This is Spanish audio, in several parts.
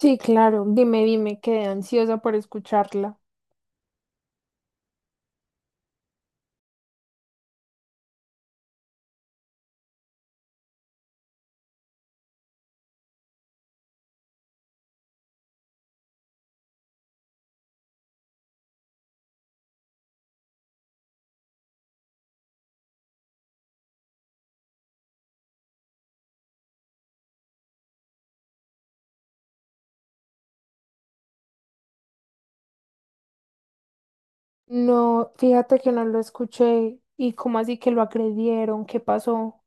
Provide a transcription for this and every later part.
Sí, claro, dime, quedé ansiosa por escucharla. No, fíjate que no lo escuché. ¿Y cómo así que lo agredieron? ¿Qué pasó?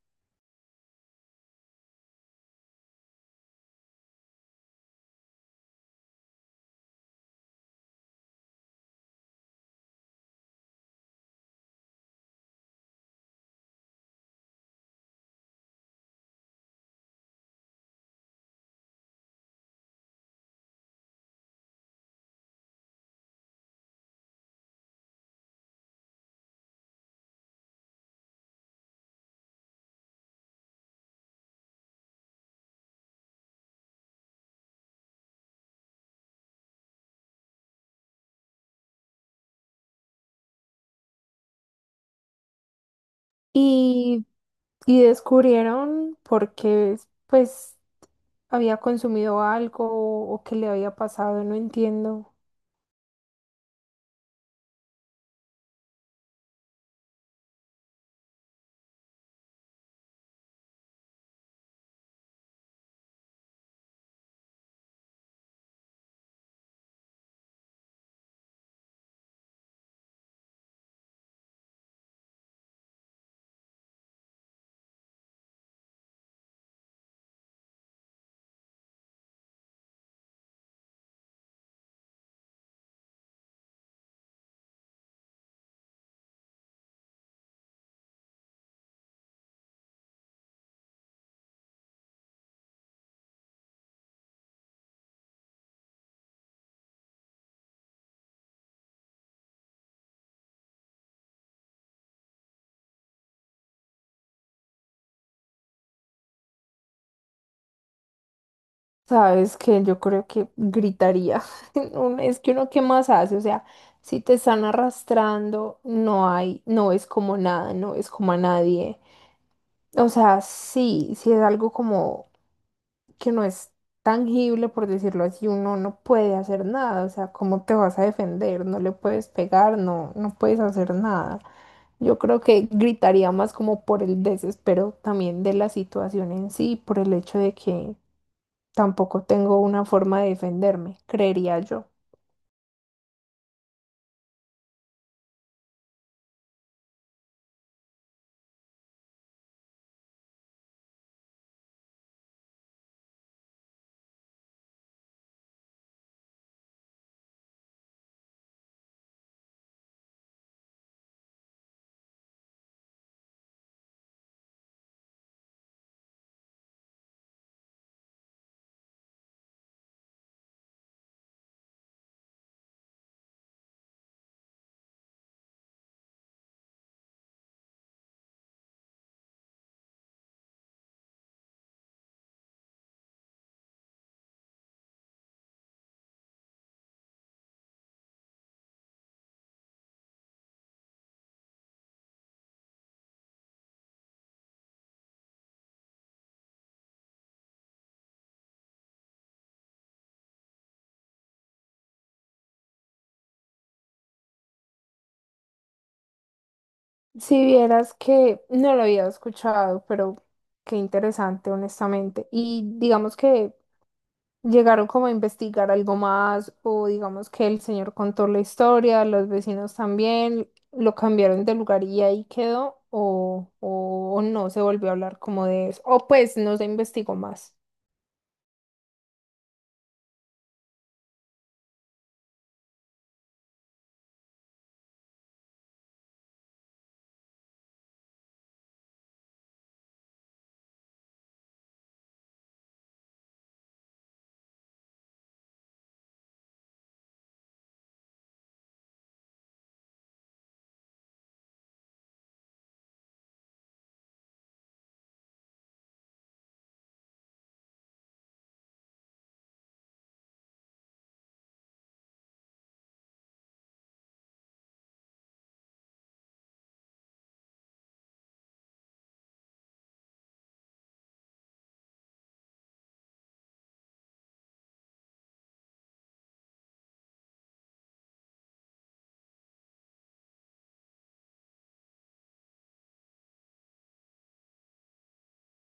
Y, y descubrieron porque pues había consumido algo o qué le había pasado, no entiendo. Sabes que yo creo que gritaría. Uno- Es que uno qué más hace, o sea, si te están arrastrando, no hay, no es como nada, no es como a nadie. O sea, sí es algo como que no es tangible, por decirlo así, uno no puede hacer nada, o sea, ¿cómo te vas a defender? No le puedes pegar, no puedes hacer nada. Yo creo que gritaría más como por el desespero también de la situación en sí, por el hecho de que tampoco tengo una forma de defenderme, creería yo. Si vieras que no lo había escuchado, pero qué interesante, honestamente. Y digamos que llegaron como a investigar algo más, o digamos que el señor contó la historia, los vecinos también, lo cambiaron de lugar y ahí quedó, o no se volvió a hablar como de eso, o pues no se investigó más.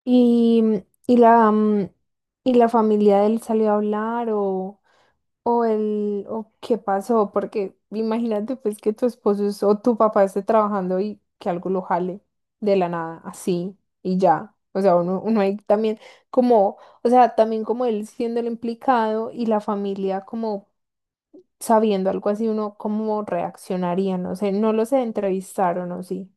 Y, y la, mm, y la familia de él salió a hablar o... O el, o qué pasó, porque imagínate pues que tu esposo es- o tu papá esté trabajando y que algo lo jale de la nada, así y ya. O sea, uno ahí también como, o sea, también como él siendo el implicado y la familia como sabiendo algo así, uno cómo reaccionaría, no sé, no los entrevistaron o sí.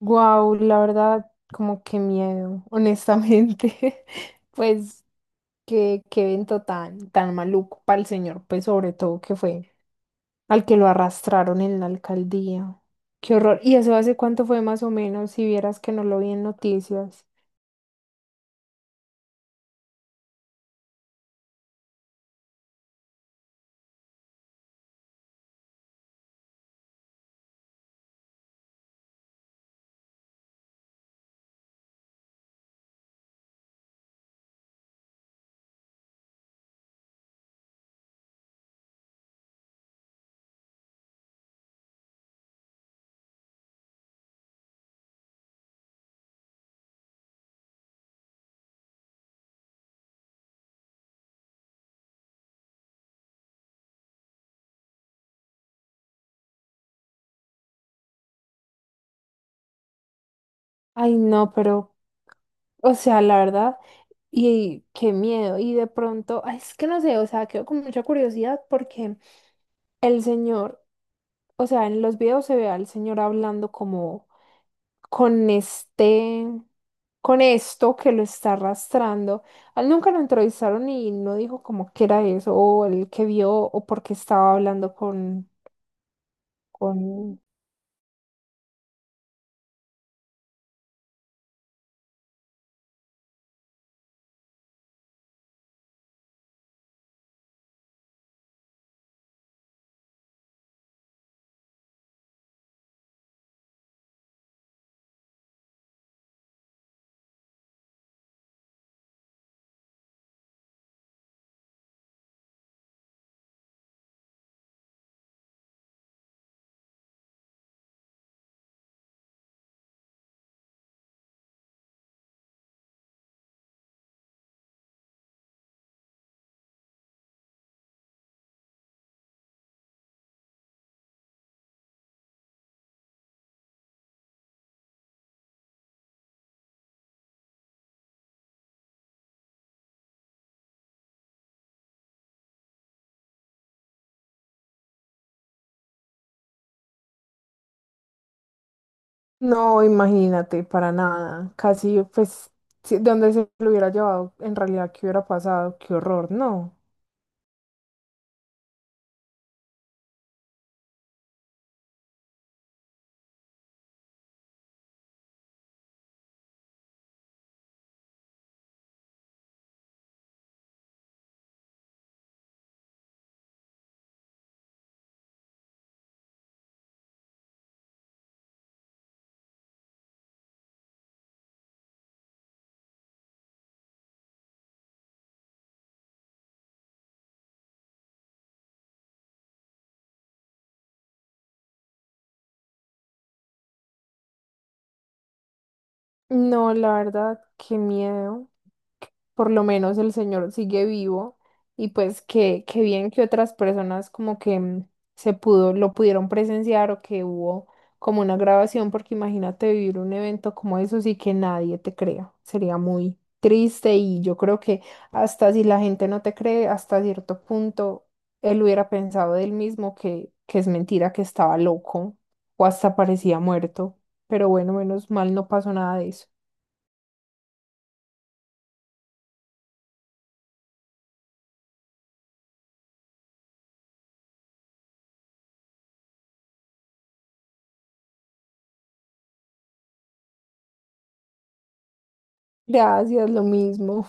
Wow, la verdad, como que miedo, honestamente. Pues. Qué evento tan maluco para el señor, pues sobre todo que fue al que lo arrastraron en la alcaldía. Qué horror. ¿Y eso hace cuánto fue más o menos? Si vieras que no lo vi en noticias. Ay, no, pero, o sea, la verdad, y qué miedo. Y de pronto, ay, es que no sé, o sea, quedo con mucha curiosidad porque el señor, o sea, en los videos se ve al señor hablando como con este, con esto que lo está arrastrando. A él nunca lo entrevistaron y no dijo como que era eso, o el que vio, o porque estaba hablando con... No, imagínate, para nada. Casi, pues, si- donde se lo hubiera llevado, en realidad, ¿qué hubiera pasado? Qué horror, no. No, la verdad, qué miedo. Por lo menos el señor sigue vivo y pues que bien que otras personas como que se pudo, lo pudieron presenciar, o que hubo como una grabación, porque imagínate vivir un evento como eso y que nadie te crea, sería muy triste, y yo creo que hasta si la gente no te cree, hasta cierto punto él hubiera pensado de él mismo que es mentira, que estaba loco o hasta parecía muerto, pero bueno, menos mal no pasó nada de eso. Gracias, lo mismo.